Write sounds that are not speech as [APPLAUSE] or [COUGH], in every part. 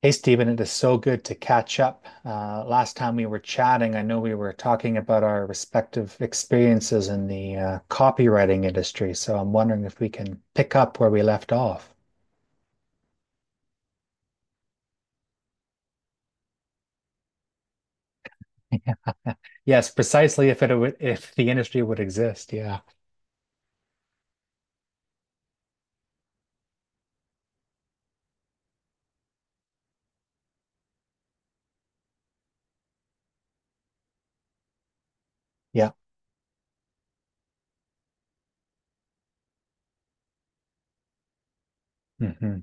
Hey, Stephen, it is so good to catch up. Last time we were chatting, I know we were talking about our respective experiences in the copywriting industry. So I'm wondering if we can pick up where we left off. [LAUGHS] Yes, precisely if it would, if the industry would exist. Yeah. Yeah. hmm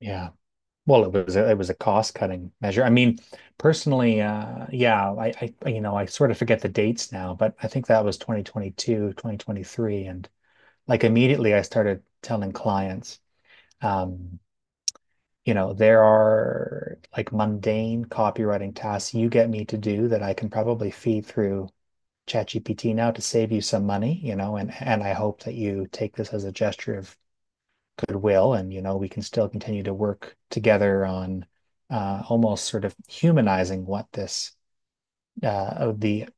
Yeah. Well, it was a cost-cutting measure. I mean, personally, yeah, I, you know, I sort of forget the dates now, but I think that was 2022, 2023. And like immediately I started telling clients. Um, you know, there are like mundane copywriting tasks you get me to do that I can probably feed through ChatGPT now to save you some money, you know, and I hope that you take this as a gesture of goodwill, and you know we can still continue to work together on almost sort of humanizing what this the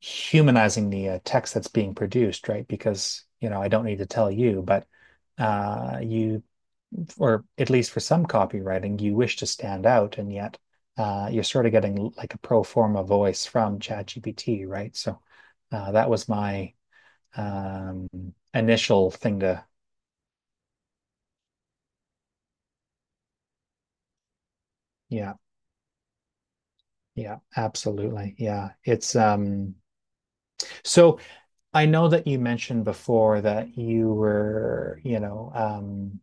humanizing the text that's being produced, right? Because you know I don't need to tell you, but you or at least for some copywriting, you wish to stand out, and yet you're sort of getting like a pro forma voice from ChatGPT, right? So that was my um, initial thing to, yeah, yeah, absolutely. Yeah. It's so I know that you mentioned before that you were, you know,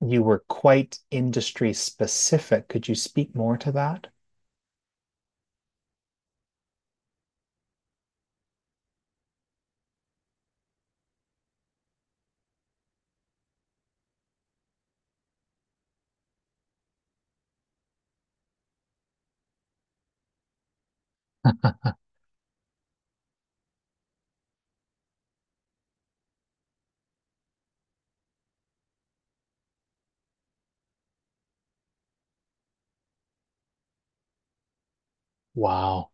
you were quite industry specific. Could you speak more to that? [LAUGHS] Wow.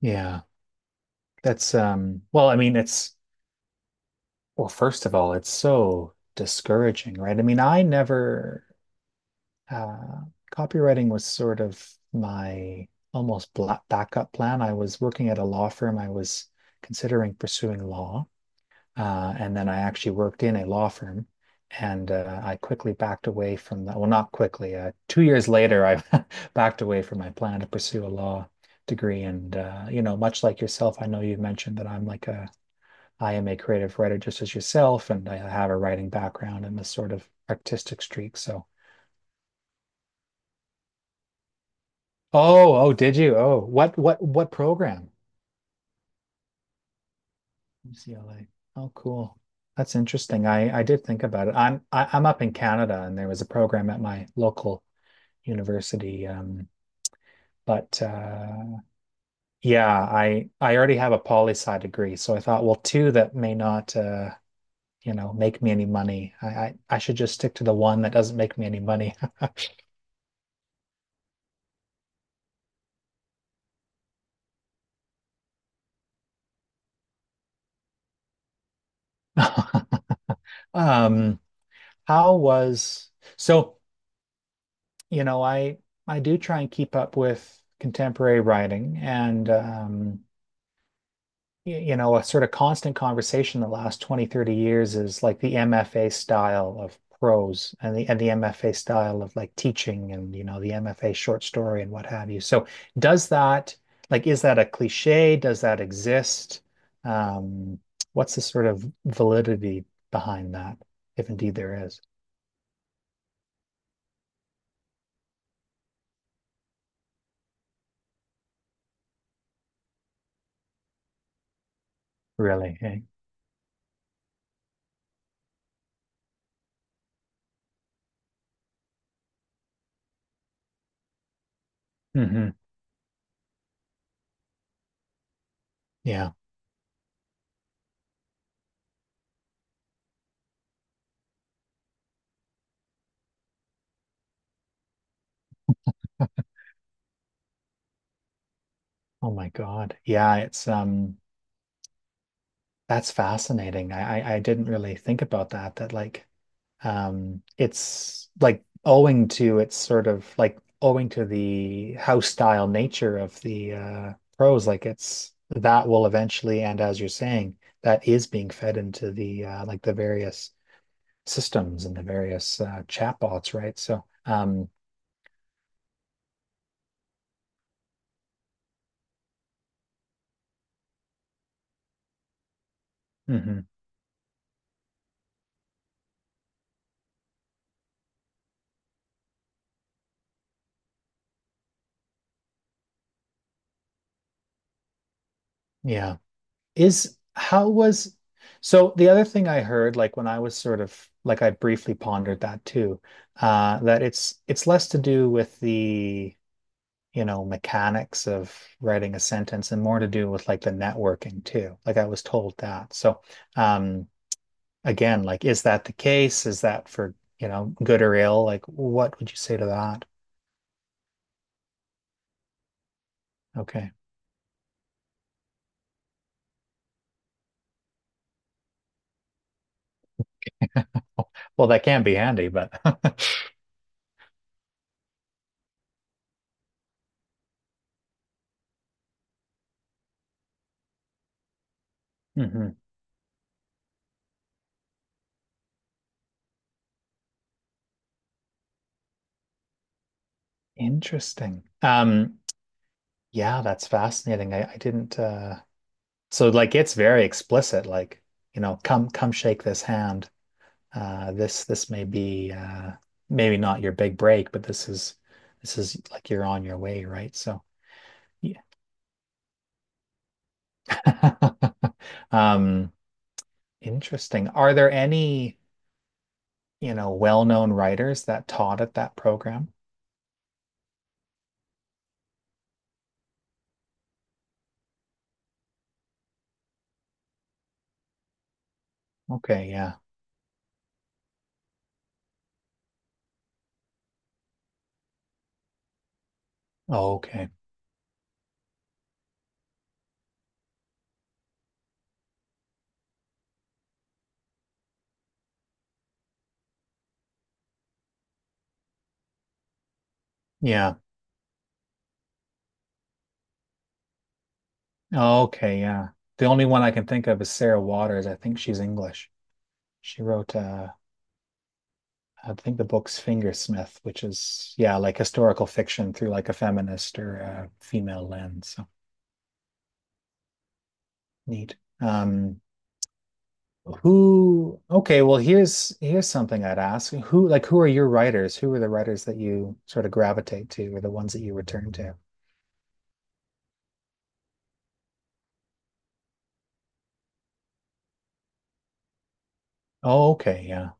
Yeah. I mean, it's well, first of all, it's so discouraging, right? I mean, I never, uh, copywriting was sort of my almost bla backup plan. I was working at a law firm. I was considering pursuing law. And then I actually worked in a law firm, and I quickly backed away from that. Well, not quickly. 2 years later, I [LAUGHS] backed away from my plan to pursue a law degree. And, you know, much like yourself, I know you mentioned that I am a creative writer just as yourself, and I have a writing background and this sort of artistic streak. So, oh, oh, did you? Oh, what program? UCLA. Oh, cool. That's interesting. I did think about it. I'm up in Canada, and there was a program at my local university. But Yeah, I already have a poli sci degree, so I thought, well, two that may not, you know, make me any money. I should just stick to the one that doesn't make me any money. [LAUGHS] No. Um, how was so, you know, I do try and keep up with contemporary writing, and you know, a sort of constant conversation the last 20, 30 years is like the MFA style of prose and the MFA style of like teaching and, you know, the MFA short story and what have you. So does that like is that a cliche? Does that exist? Um, what's the sort of validity behind that, if indeed there is? Really? Eh? hmm Yeah. Oh my God. Yeah, it's that's fascinating. I didn't really think about that, that like it's like owing to it's sort of like owing to the house style nature of the prose like it's that will eventually, and as you're saying, that is being fed into the the various systems and the various chatbots, right? So mhm. Yeah. Is how was So the other thing I heard, like when I was sort of like I briefly pondered that too, that it's less to do with you know, mechanics of writing a sentence and more to do with like the networking too. Like I was told that. So um again, like is that the case? Is that for, you know, good or ill? Like what would you say to that? Okay. Well, that can be handy, but [LAUGHS] mhm. Interesting. Yeah, that's fascinating. I didn't so like it's very explicit, like, you know, come shake this hand. This this may be maybe not your big break, but this is like you're on your way, right? So yeah. [LAUGHS] Um Interesting. Are there any, you know, well-known writers that taught at that program? Okay, yeah. Oh, okay. Yeah. Oh, okay, yeah. The only one I can think of is Sarah Waters. I think she's English. She wrote, I think the book's Fingersmith, which is, yeah, like historical fiction through like a feminist or a female lens. So neat. Okay, well, here's something I'd ask. Who, like, who are your writers? Who are the writers that you sort of gravitate to or the ones that you return to? Oh, okay, yeah.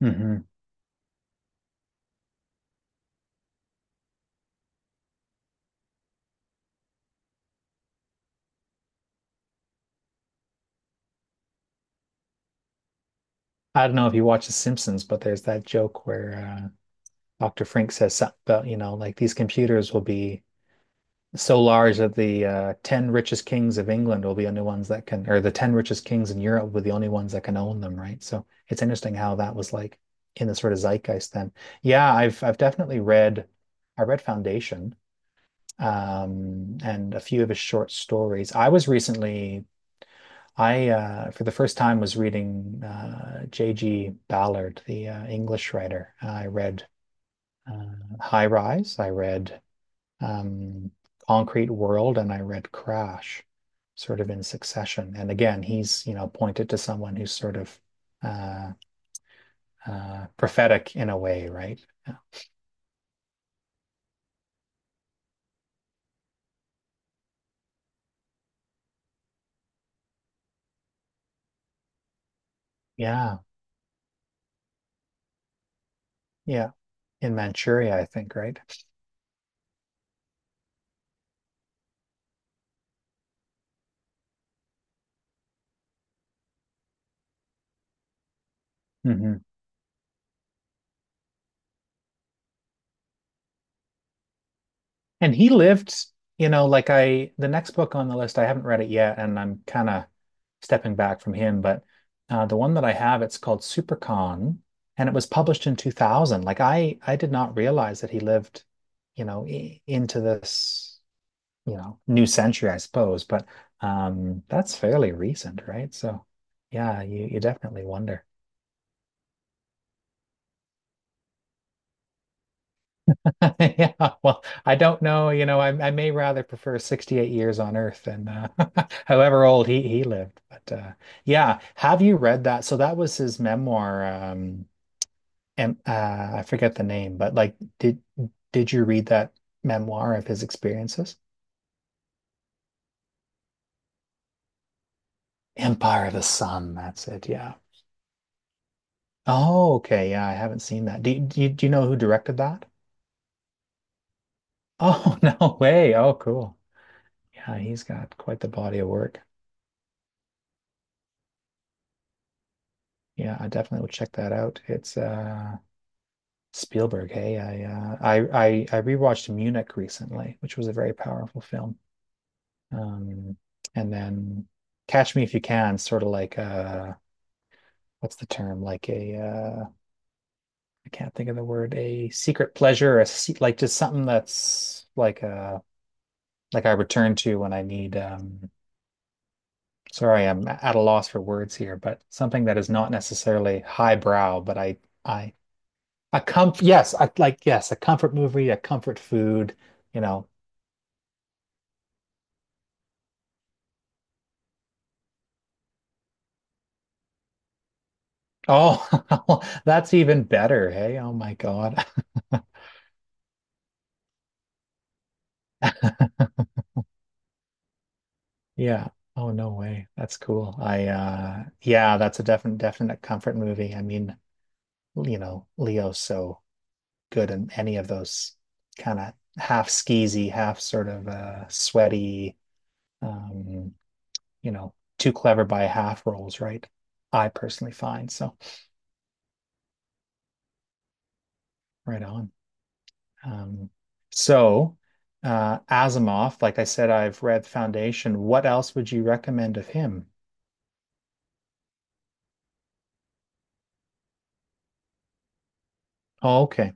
hmm I don't know if you watch The Simpsons, but there's that joke where Dr. Frank says something about, you know, like these computers will be so large that the 10 richest kings of England will be the only ones that can, or the 10 richest kings in Europe will be the only ones that can own them, right? So it's interesting how that was like in the sort of zeitgeist then. Yeah, I've definitely read, I read Foundation, and a few of his short stories. I was recently, I for the first time was reading J.G. Ballard, the English writer. I read uh, High Rise. I read um, Concrete World, and I read Crash sort of in succession. And again, he's, you know, pointed to someone who's sort of uh, prophetic in a way, right? Yeah. Yeah. In Manchuria, I think, right? hmm And he lived, you know, like I, the next book on the list, I haven't read it yet, and I'm kind of stepping back from him. But the one that I have, it's called Supercon, and it was published in 2000. Like I did not realize that he lived, you know, I into this, you know, new century, I suppose. But that's fairly recent, right? So, yeah, you definitely wonder. [LAUGHS] Yeah, well, I don't know. You know, I may rather prefer 68 years on Earth than [LAUGHS] however old he lived. But yeah, have you read that? So that was his memoir. And I forget the name, but like, did you read that memoir of his experiences? Empire of the Sun. That's it. Yeah. Oh, okay. Yeah, I haven't seen that. Do you know who directed that? Oh, [LAUGHS] no way. Oh, cool. Yeah, he's got quite the body of work. Yeah, I definitely will check that out. It's Spielberg. Hey, I I rewatched Munich recently, which was a very powerful film. Um and then Catch Me If You Can, sort of like what's the term? Like a I can't think of the word, a secret pleasure or a se like just something that's like I return to when I need sorry, I'm at a loss for words here, but something that is not necessarily highbrow, but I a comf yes, I like yes, a comfort movie, a comfort food, you know. Oh, [LAUGHS] that's even better. Hey, oh my God. [LAUGHS] Yeah. Oh, no way. That's cool. I yeah, that's a definite comfort movie. I mean, you know, Leo's so good in any of those kind of half skeezy, half sort of sweaty, um, you know, too clever by half roles, right? I personally find. So, right on. Um, so, Asimov, like I said, I've read Foundation. What else would you recommend of him? Oh, okay.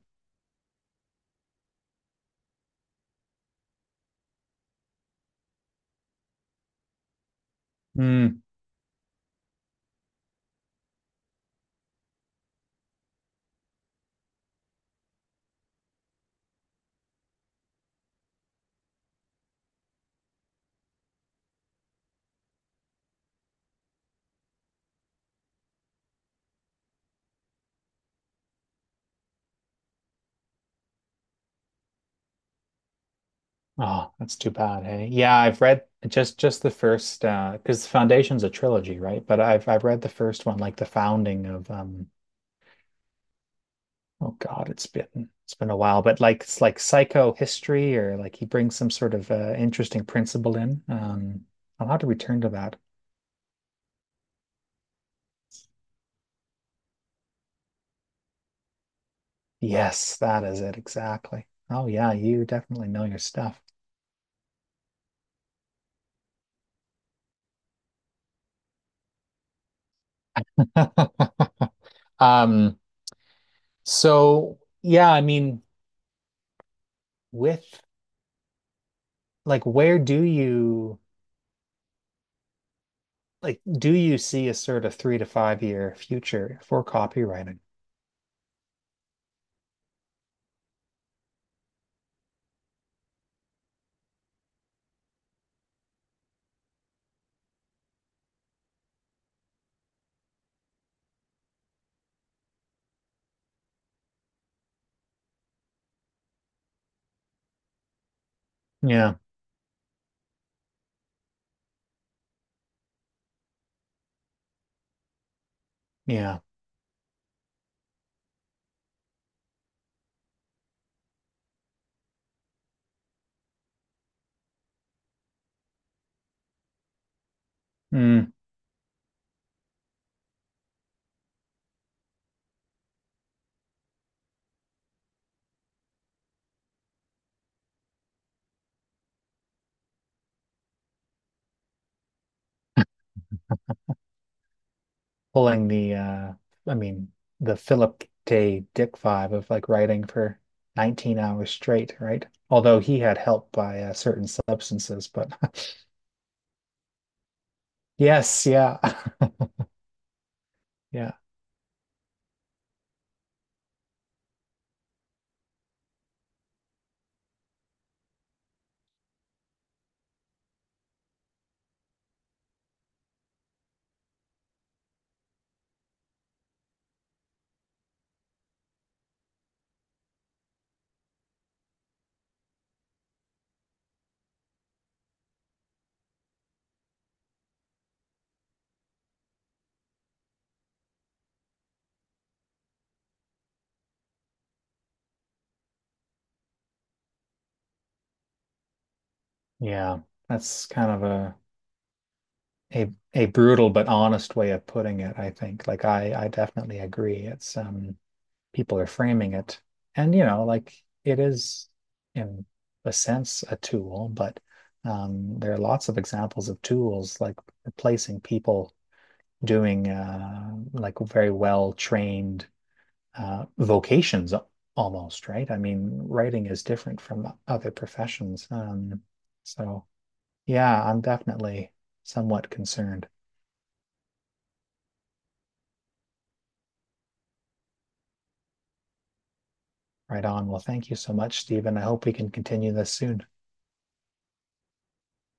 Hmm. Oh, that's too bad. Hey, yeah, I've read just the first because Foundation's a trilogy, right? But I've read the first one, like the founding of Oh God, it's been a while, but like it's like psychohistory or like he brings some sort of interesting principle in. I'll have to return to that. Yes, that is it exactly. Oh yeah, you definitely know your stuff. [LAUGHS] Um, yeah, I mean, with like where do you like do you see a sort of 3 to 5 year future for copywriting? Yeah, yeah. Mm. [LAUGHS] Pulling the I mean the Philip K. Dick vibe of like writing for 19 hours straight, right? Although he had help by certain substances, but [LAUGHS] yes, yeah. [LAUGHS] Yeah. Yeah, that's kind of a brutal but honest way of putting it, I think. Like I definitely agree. It's people are framing it, and you know, like it is in a sense a tool, but there are lots of examples of tools like replacing people doing like very well trained vocations almost, right? I mean, writing is different from other professions. So yeah, I'm definitely somewhat concerned. Right on. Well, thank you so much, Stephen. I hope we can continue this soon.